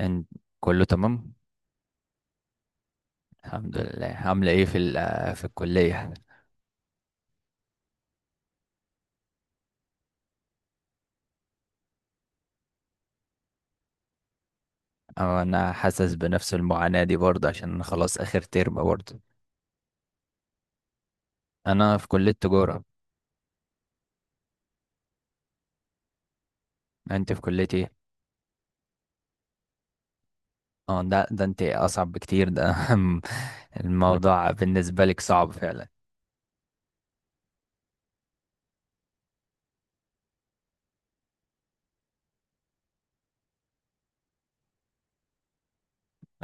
ان كله تمام. الحمد لله، عامله ايه في الكليه؟ أو انا حاسس بنفس المعاناه دي برضه عشان أنا خلاص اخر ترم برضه. انا في كليه تجاره. انت في كليه ايه؟ اه ده انت اصعب بكتير ده. الموضوع بالنسبه لك صعب فعلا.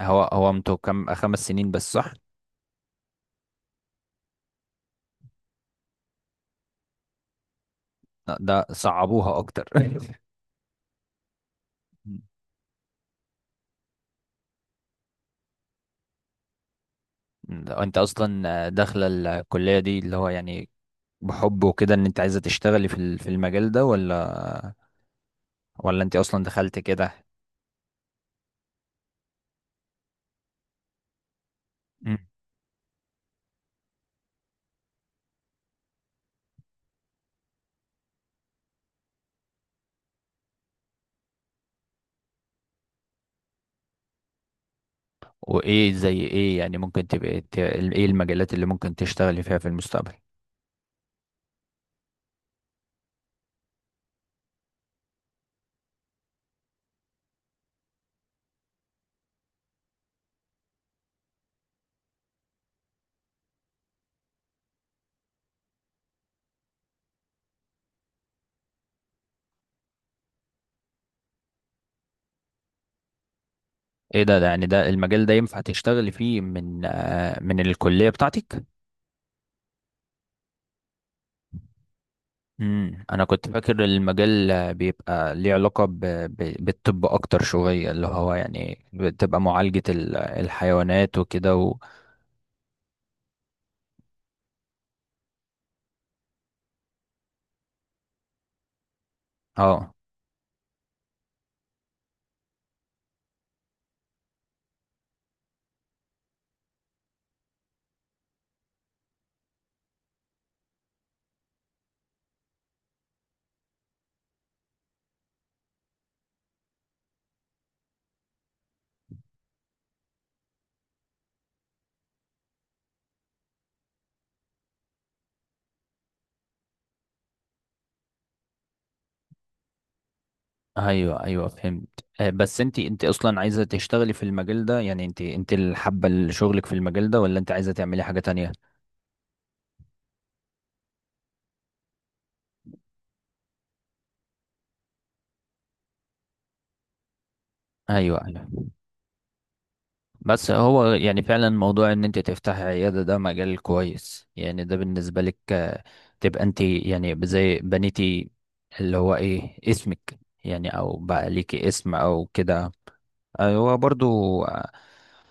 هو هو انتوا كم، 5 سنين بس، صح؟ لا، ده صعبوها اكتر. ده انت اصلا داخله الكليه دي، اللي هو يعني بحب وكده، ان انت عايزه تشتغلي في المجال ده، ولا ولا انت اصلا دخلت كده؟ مم. وايه زي ايه؟ يعني ممكن تبقى ايه المجالات اللي ممكن تشتغلي فيها في المستقبل؟ ايه ده, ده يعني ده المجال ده ينفع تشتغلي فيه من من الكلية بتاعتك؟ انا كنت فاكر المجال بيبقى ليه علاقة بالطب اكتر شوية، اللي هو يعني بتبقى معالجة الحيوانات وكده اه. ايوه ايوه، فهمت. بس انت اصلا عايزه تشتغلي في المجال ده؟ يعني انت اللي حابه شغلك في المجال ده، ولا انت عايزه تعملي حاجه تانية؟ ايوه ايوه. بس هو يعني فعلا موضوع ان انت تفتحي عياده، ده مجال كويس. يعني ده بالنسبه لك تبقى انت يعني زي بنيتي، اللي هو ايه اسمك يعني، او بقى ليكي اسم او كده. هو برضو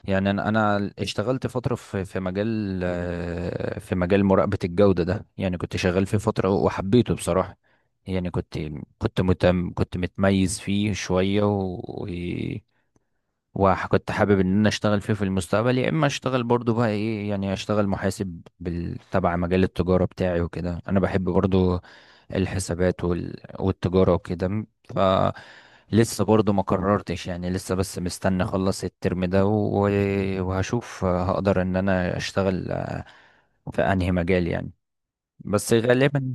يعني أنا اشتغلت فتره في مجال، في مجال مراقبه الجوده ده، يعني كنت شغال فيه فتره وحبيته بصراحه. يعني كنت، كنت متم كنت متميز فيه شويه وكنت حابب ان انا اشتغل فيه في المستقبل، يا اما اشتغل برضو بقى ايه، يعني اشتغل محاسب تبع مجال التجارة بتاعي وكده، انا بحب برضو الحسابات والتجارة وكده. ف لسه برضو ما قررتش، يعني لسه بس مستني اخلص الترم ده وهشوف هقدر ان انا اشتغل في انهي مجال يعني. بس غالبا،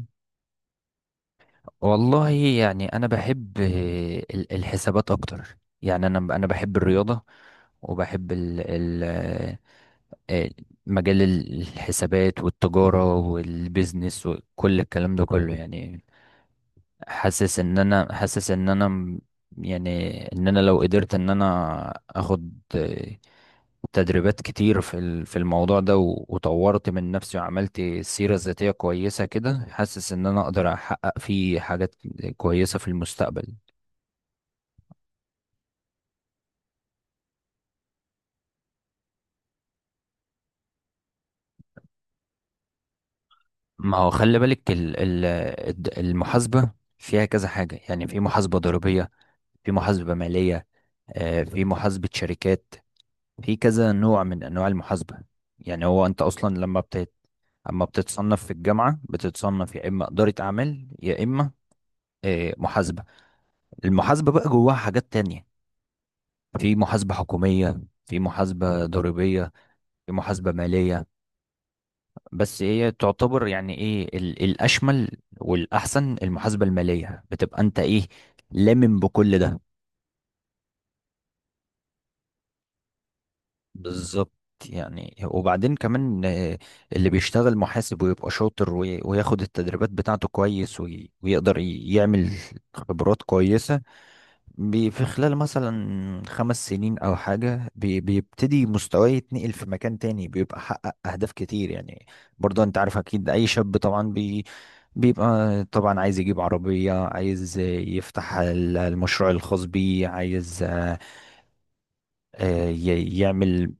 والله يعني انا بحب الحسابات اكتر. يعني انا بحب الرياضه، وبحب ال ال آه، مجال الحسابات والتجاره والبيزنس وكل الكلام ده كله. يعني حاسس ان انا يعني ان انا لو قدرت ان انا اخد تدريبات كتير في الموضوع ده، وطورت من نفسي وعملت سيرة ذاتية كويسة كده، حاسس ان انا اقدر احقق فيه حاجات كويسة في المستقبل. ما هو خلي بالك المحاسبة فيها كذا حاجة. يعني في محاسبة ضريبية، في محاسبة مالية، في محاسبة شركات، في كذا نوع من انواع المحاسبة. يعني هو انت اصلا لما بت اما بتتصنف في الجامعة، بتتصنف يا اما إدارة اعمال، يا اما محاسبة. المحاسبة بقى جواها حاجات تانية، في محاسبة حكومية، في محاسبة ضريبية، في محاسبة مالية. بس هي تعتبر يعني ايه، الأشمل والأحسن المحاسبة المالية، بتبقى انت ايه، لامم بكل ده. بالظبط. يعني وبعدين كمان اللي بيشتغل محاسب ويبقى شاطر وياخد التدريبات بتاعته كويس ويقدر يعمل خبرات كويسة، في خلال مثلا 5 سنين او حاجه، بيبتدي مستواه يتنقل في مكان تاني، بيبقى حقق اهداف كتير يعني. برضه انت عارف اكيد اي شاب طبعا بيبقى طبعا عايز يجيب عربيه، عايز يفتح المشروع الخاص بيه، عايز يعمل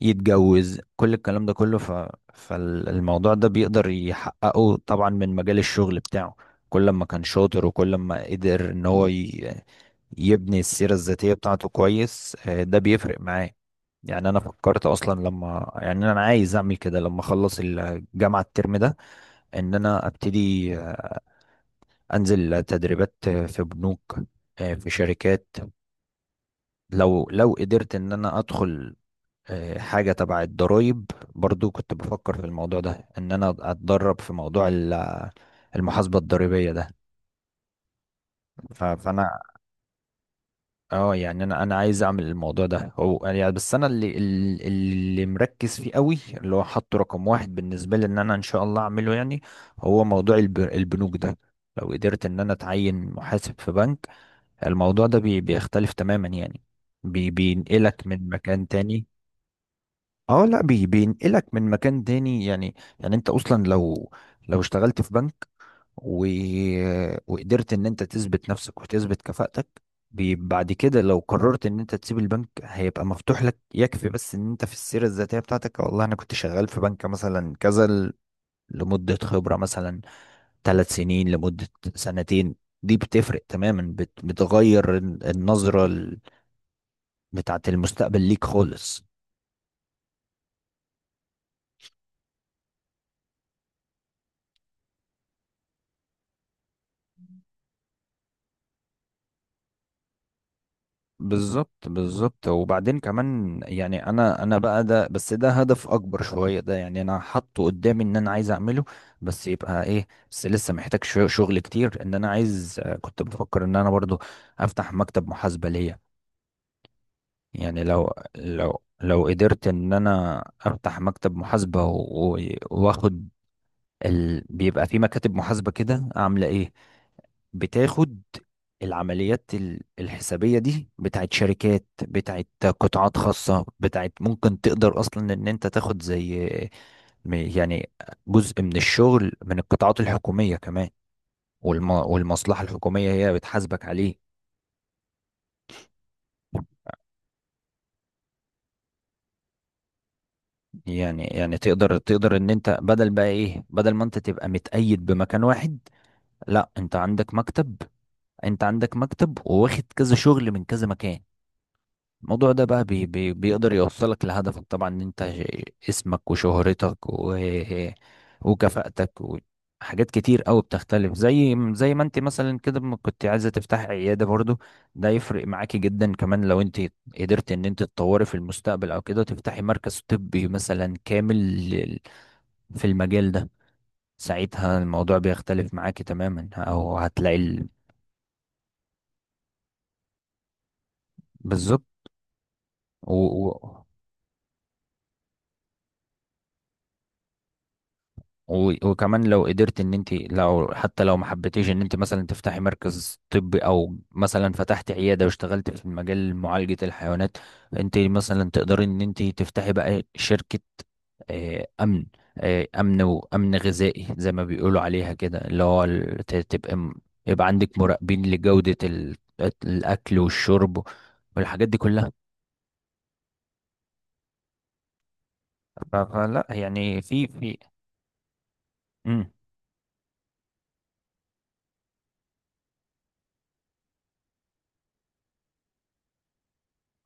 يتجوز، كل الكلام ده كله. فالموضوع ده بيقدر يحققه طبعا من مجال الشغل بتاعه. كل ما كان شاطر وكل ما قدر ان هو يبني السيرة الذاتية بتاعته كويس، ده بيفرق معاه. يعني انا فكرت اصلا، لما يعني انا عايز اعمل كده لما اخلص الجامعة الترم ده، ان انا ابتدي انزل تدريبات في بنوك، في شركات. لو قدرت ان انا ادخل حاجة تبع الضرايب، برضو كنت بفكر في الموضوع ده، ان انا اتدرب في موضوع المحاسبة الضريبية ده. فانا اه يعني انا عايز اعمل الموضوع ده. هو يعني بس انا اللي مركز فيه قوي، اللي هو حاطه رقم 1 بالنسبه لي، ان انا ان شاء الله اعمله يعني، هو موضوع البنوك ده. لو قدرت ان انا اتعين محاسب في بنك، الموضوع ده بيختلف تماما يعني، بينقلك من مكان تاني. اه لا، بينقلك من مكان تاني. يعني يعني انت اصلا لو، لو اشتغلت في بنك و... وقدرت ان انت تثبت نفسك وتثبت كفاءتك، بعد كده لو قررت ان انت تسيب البنك، هيبقى مفتوح لك. يكفي بس ان انت في السيرة الذاتية بتاعتك، والله انا كنت شغال في بنك مثلا كذا، لمدة خبرة مثلا 3 سنين، لمدة 2 سنين. دي بتفرق تماما، بتغير النظرة بتاعت المستقبل ليك خالص. بالظبط بالظبط. وبعدين كمان يعني انا بقى ده، بس ده هدف اكبر شويه ده، يعني انا حاطه قدامي ان انا عايز اعمله. بس يبقى ايه، بس لسه محتاج شغل كتير. ان انا عايز، كنت بفكر ان انا برضو افتح مكتب محاسبه ليا. يعني لو، لو قدرت ان انا افتح مكتب محاسبه واخد بيبقى في مكاتب محاسبه كده، عامله ايه، بتاخد العمليات الحسابية دي، بتاعت شركات، بتاعت قطاعات خاصة، بتاعت ممكن تقدر أصلا إن أنت تاخد زي يعني جزء من الشغل من القطاعات الحكومية كمان، والمصلحة الحكومية هي بتحاسبك عليه. يعني يعني تقدر ان انت، بدل بقى ايه، بدل ما انت تبقى متقيد بمكان واحد، لا انت عندك مكتب. انت عندك مكتب وواخد كذا شغل من كذا مكان، الموضوع ده بقى بي بي بيقدر يوصلك لهدفك طبعا. ان انت اسمك وشهرتك وكفاءتك وحاجات كتير قوي بتختلف، زي ما انت مثلا كده ما كنت عايزه تفتحي عياده برضو، ده يفرق معاكي جدا كمان لو انت قدرت ان انت تطوري في المستقبل، او كده تفتحي مركز طبي مثلا كامل في المجال ده، ساعتها الموضوع بيختلف معاكي تماما، او هتلاقي بالظبط. و... و... وكمان لو قدرت ان انت، لو حتى لو ما حبيتيش ان انت مثلا تفتحي مركز طبي، او مثلا فتحت عياده واشتغلت في مجال معالجه الحيوانات، انت مثلا تقدري ان انت تفتحي بقى شركه امن، امن وامن غذائي زي ما بيقولوا عليها كده، اللي هو تبقى يبقى عندك مراقبين لجوده الاكل والشرب والحاجات دي كلها. فلا يعني في في. مم.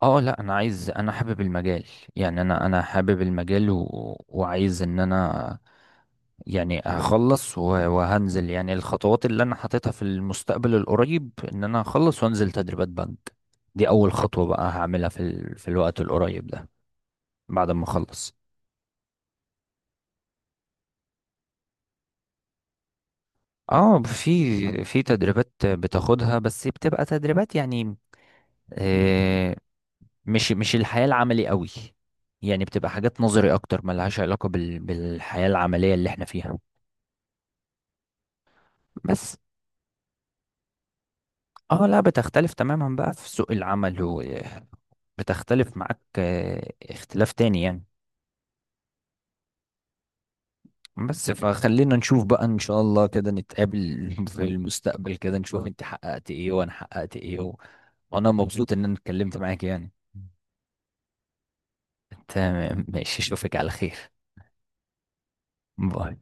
اه لا، انا عايز، انا حابب المجال. يعني انا حابب المجال وعايز ان انا يعني اخلص وهنزل يعني الخطوات اللي انا حاططها في المستقبل القريب، ان انا اخلص وانزل تدريبات بنك. دي اول خطوة بقى هعملها في الوقت القريب ده، بعد ما اخلص. اه، في في تدريبات بتاخدها، بس بتبقى تدريبات يعني آه، مش الحياة العملي قوي. يعني بتبقى حاجات نظري اكتر، ملهاش علاقة بالحياة العملية اللي احنا فيها. بس اه لا، بتختلف تماما بقى في سوق العمل، وبتختلف معاك اختلاف تاني يعني. بس فخلينا نشوف بقى ان شاء الله، كده نتقابل في المستقبل، كده نشوف انت حققت ايه وانا حققت ايه وانا مبسوط ان انا اتكلمت معاك يعني. تمام ماشي، اشوفك على خير. باي.